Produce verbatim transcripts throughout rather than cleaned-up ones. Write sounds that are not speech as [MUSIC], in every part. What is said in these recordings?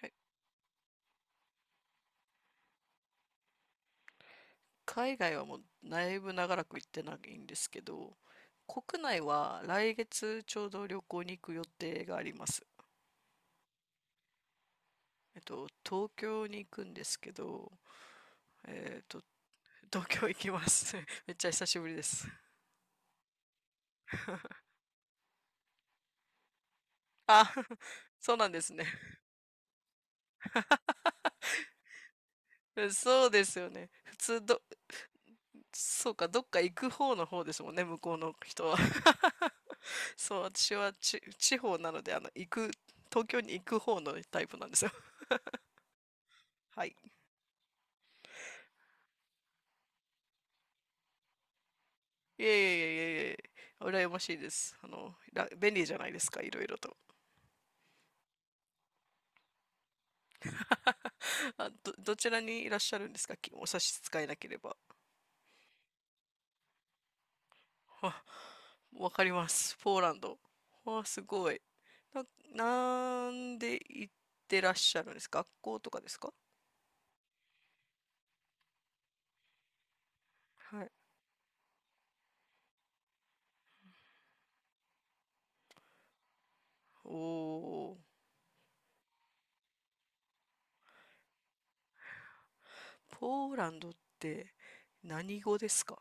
はい。海外はもうだいぶ長らく行ってないんですけど、国内は来月ちょうど旅行に行く予定があります。えっと、東京に行くんですけど、えっと、東京行きます。[LAUGHS] めっちゃ久しぶりです。[LAUGHS] あ、そうなんですね。[LAUGHS] そうですよね。普通ど、そうか、どっか行く方の方ですもんね、向こうの人は。[LAUGHS] そう、私はち、地方なので、あの、行く、東京に行く方のタイプなんですよ。はい。いえいえいえいえ、羨ましいです。あの、ら便利じゃないですか、いろいろと。[LAUGHS] あ、ど、どちらにいらっしゃるんですか、きお差し支えなければ。[LAUGHS] あ、わかります。ポーランド。あ、すごい。な、なんで行ってらっしゃるんですか、学校とかですか？はい。おー、ポーランドって何語ですか？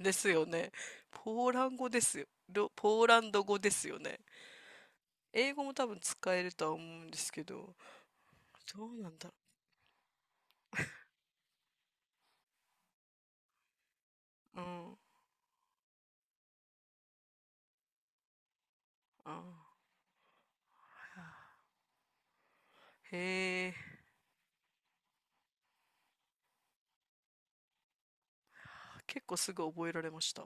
ですよね。ポーランド語ですよ。ろポーランド語ですよね。英語も多分使えるとは思うんですけど、どうなんだ？うん、うん。へえ、結構すぐ覚えられました？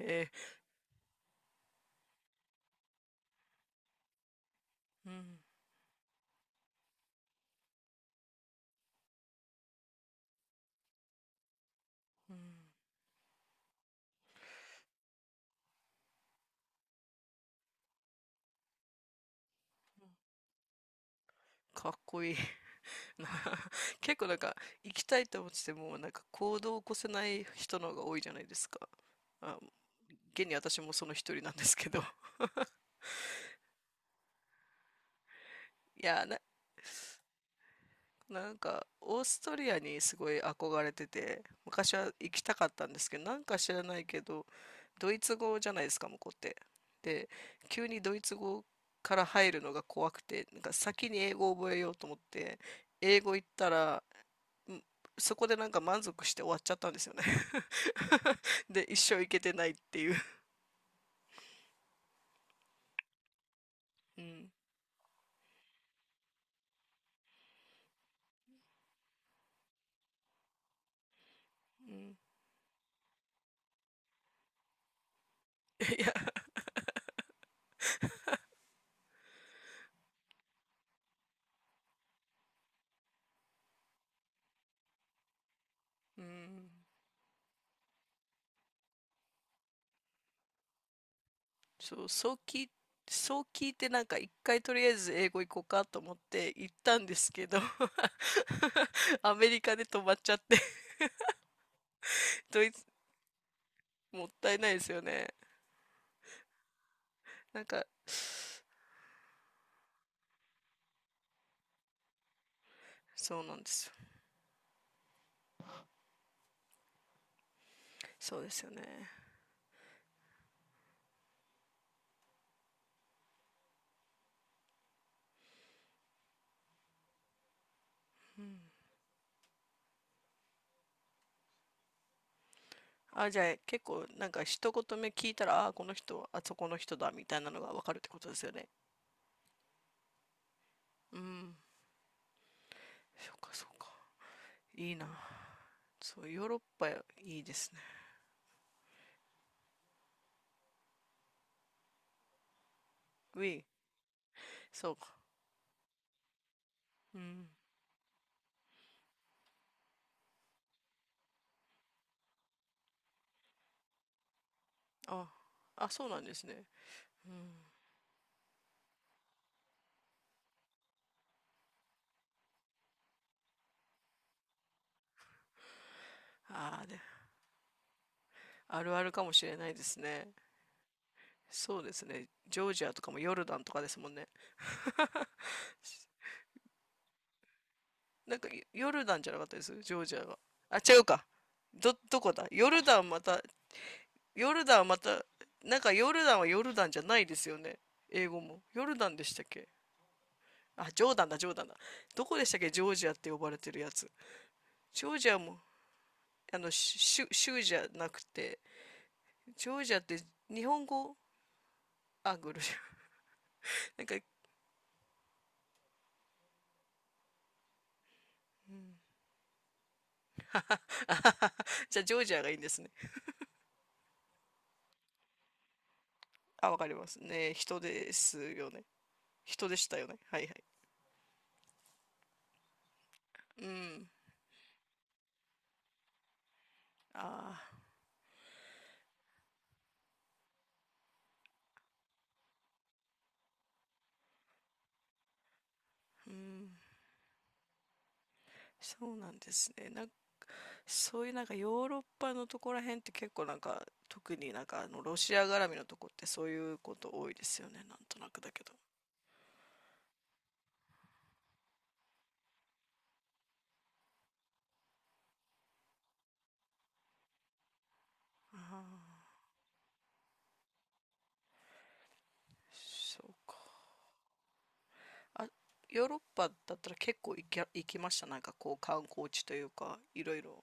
へえ、うん、うん。かっこいい。な [LAUGHS] 結構なんか、行きたいと思ってても、なんか行動を起こせない人の方が多いじゃないですか。あ、現に私もその一人なんですけど。いや、ななんかオーストリアにすごい憧れてて昔は行きたかったんですけど、なんか知らないけど、ドイツ語じゃないですか向こうって。で、急にドイツ語から入るのが怖くて、なんか先に英語を覚えようと思って、英語行ったら、んそこでなんか満足して終わっちゃったんですよね。 [LAUGHS] で、一生行けてないっていう。うん。うん。いや。うん。そう、そう聞い、そう聞いて、なんか一回とりあえず英語行こうかと思って行ったんですけど、 [LAUGHS] アメリカで止まっちゃって。 [LAUGHS] ドイツ、もったいないですよね。なんか、そうなんですよ。そうですよね。あ、じゃあ結構なんか一言目聞いたら、あ、この人はあそこの人だみたいなのがわかるってことですよね。うん。そうかそうか。いいな。そう、ヨーロッパいいですね。ウィー。そうか。うん。あ、あ、そうなんですね。うん。ああ、あるあるかもしれないですね。そうですね。ジョージアとかもヨルダンとかですもんね。[LAUGHS] なんかヨルダンじゃなかったですジョージアが？あ、違うか。ど、どこだヨルダンまた。ヨルダンまた、なんかヨルダンはヨルダンじゃないですよね。英語も。ヨルダンでしたっけ？あ、ジョーダンだ、ジョーダンだ。どこでしたっけ、ジョージアって呼ばれてるやつ。ジョージアも、あの、州、州じゃなくて、ジョージアって日本語、あ、グルジア。なんか、じゃあジョージアがいいんですね。あ、わかりますね。人ですよね。人でしたよね。はいはい。うん。ああ、うん。そうなんですね。なんか、そういうなんかヨーロッパのとこら辺って結構なんか、特になんかあのロシア絡みのとこってそういうこと多いですよね。なんとなくだけど。そうか。あ、ヨーロッパだったら結構行き、行きました。なんかこう観光地というか、いろいろ。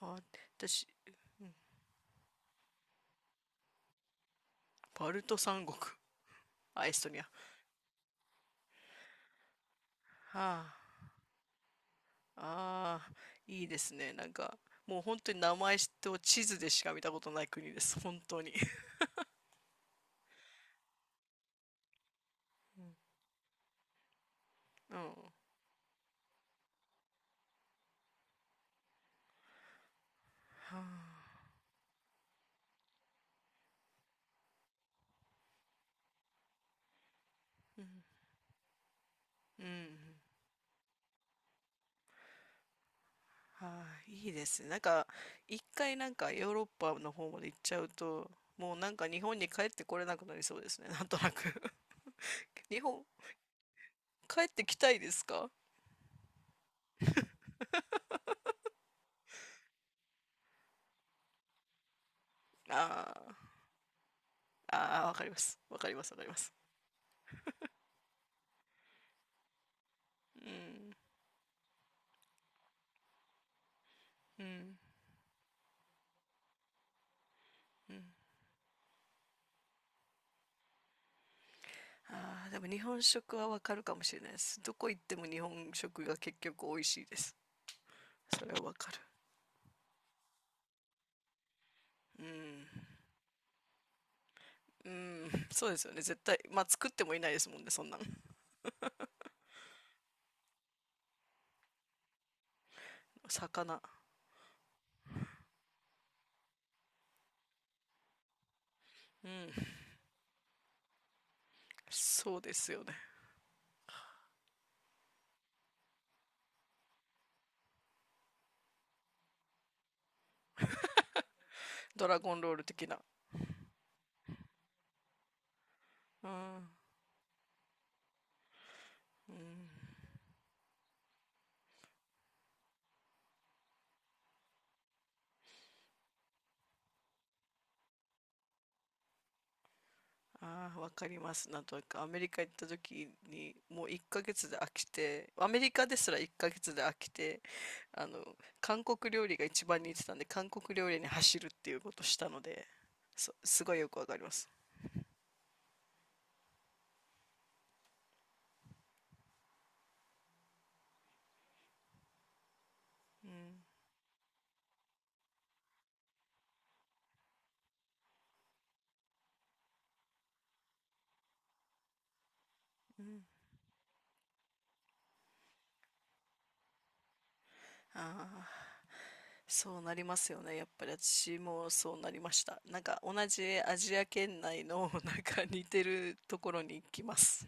あ、私、バルト三国。あ、エストニア。はあ。ああ、いいですね。なんか、もう本当に名前と地図でしか見たことない国です。本当に。[LAUGHS] うん。はあ。うん。うん。はあ、いいですね。なんか、一回なんかヨーロッパの方まで行っちゃうと、もうなんか日本に帰ってこれなくなりそうですね。なんとなく。 [LAUGHS] 日本、帰ってきたいですか？ああ、ああ、わかります。わかります、わかります。うん。うん。うん、ああ、でも日本食はわかるかもしれないです。どこ行っても日本食が結局美味しいです。それはわかる。うん。うん。そうですよね。絶対。まあ、作ってもいないですもんね、そんな。魚。うん。そうですよね。ドラゴンロール的な。うん。うん。ああ、わかります。なんとなく、アメリカ行った時に、もういっかげつで飽きて、アメリカですらいっかげつで飽きて、あの、韓国料理が一番似てたんで、韓国料理に走るっていうことをしたので、そ、すごいよくわかります。うん。うん。ああ。そうなりますよね。やっぱり私もそうなりました。なんか同じアジア圏内の、 [LAUGHS] なんか似てるところに行きます。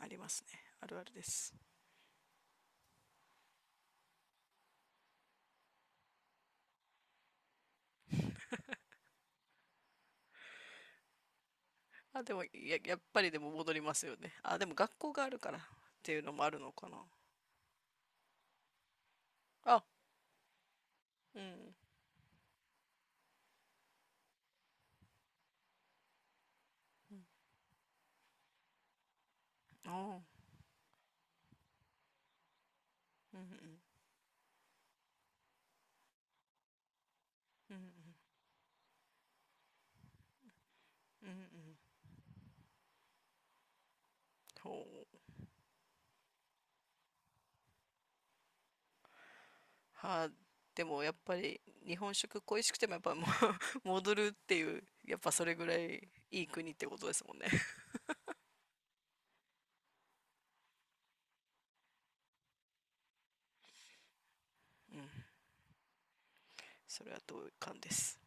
ありますね。あるあるです。あ、でもや、やっぱりでも戻りますよね。あ、でも学校があるからっていうのもあるのかな。あ、うん。あー、うん、うん、うん、うん、うん、うん。ほう。はあ、でもやっぱり日本食恋しくてもやっぱもう、 [LAUGHS] 戻るっていう、やっぱそれぐらいいい国ってことですもんね。うん。それは同感です。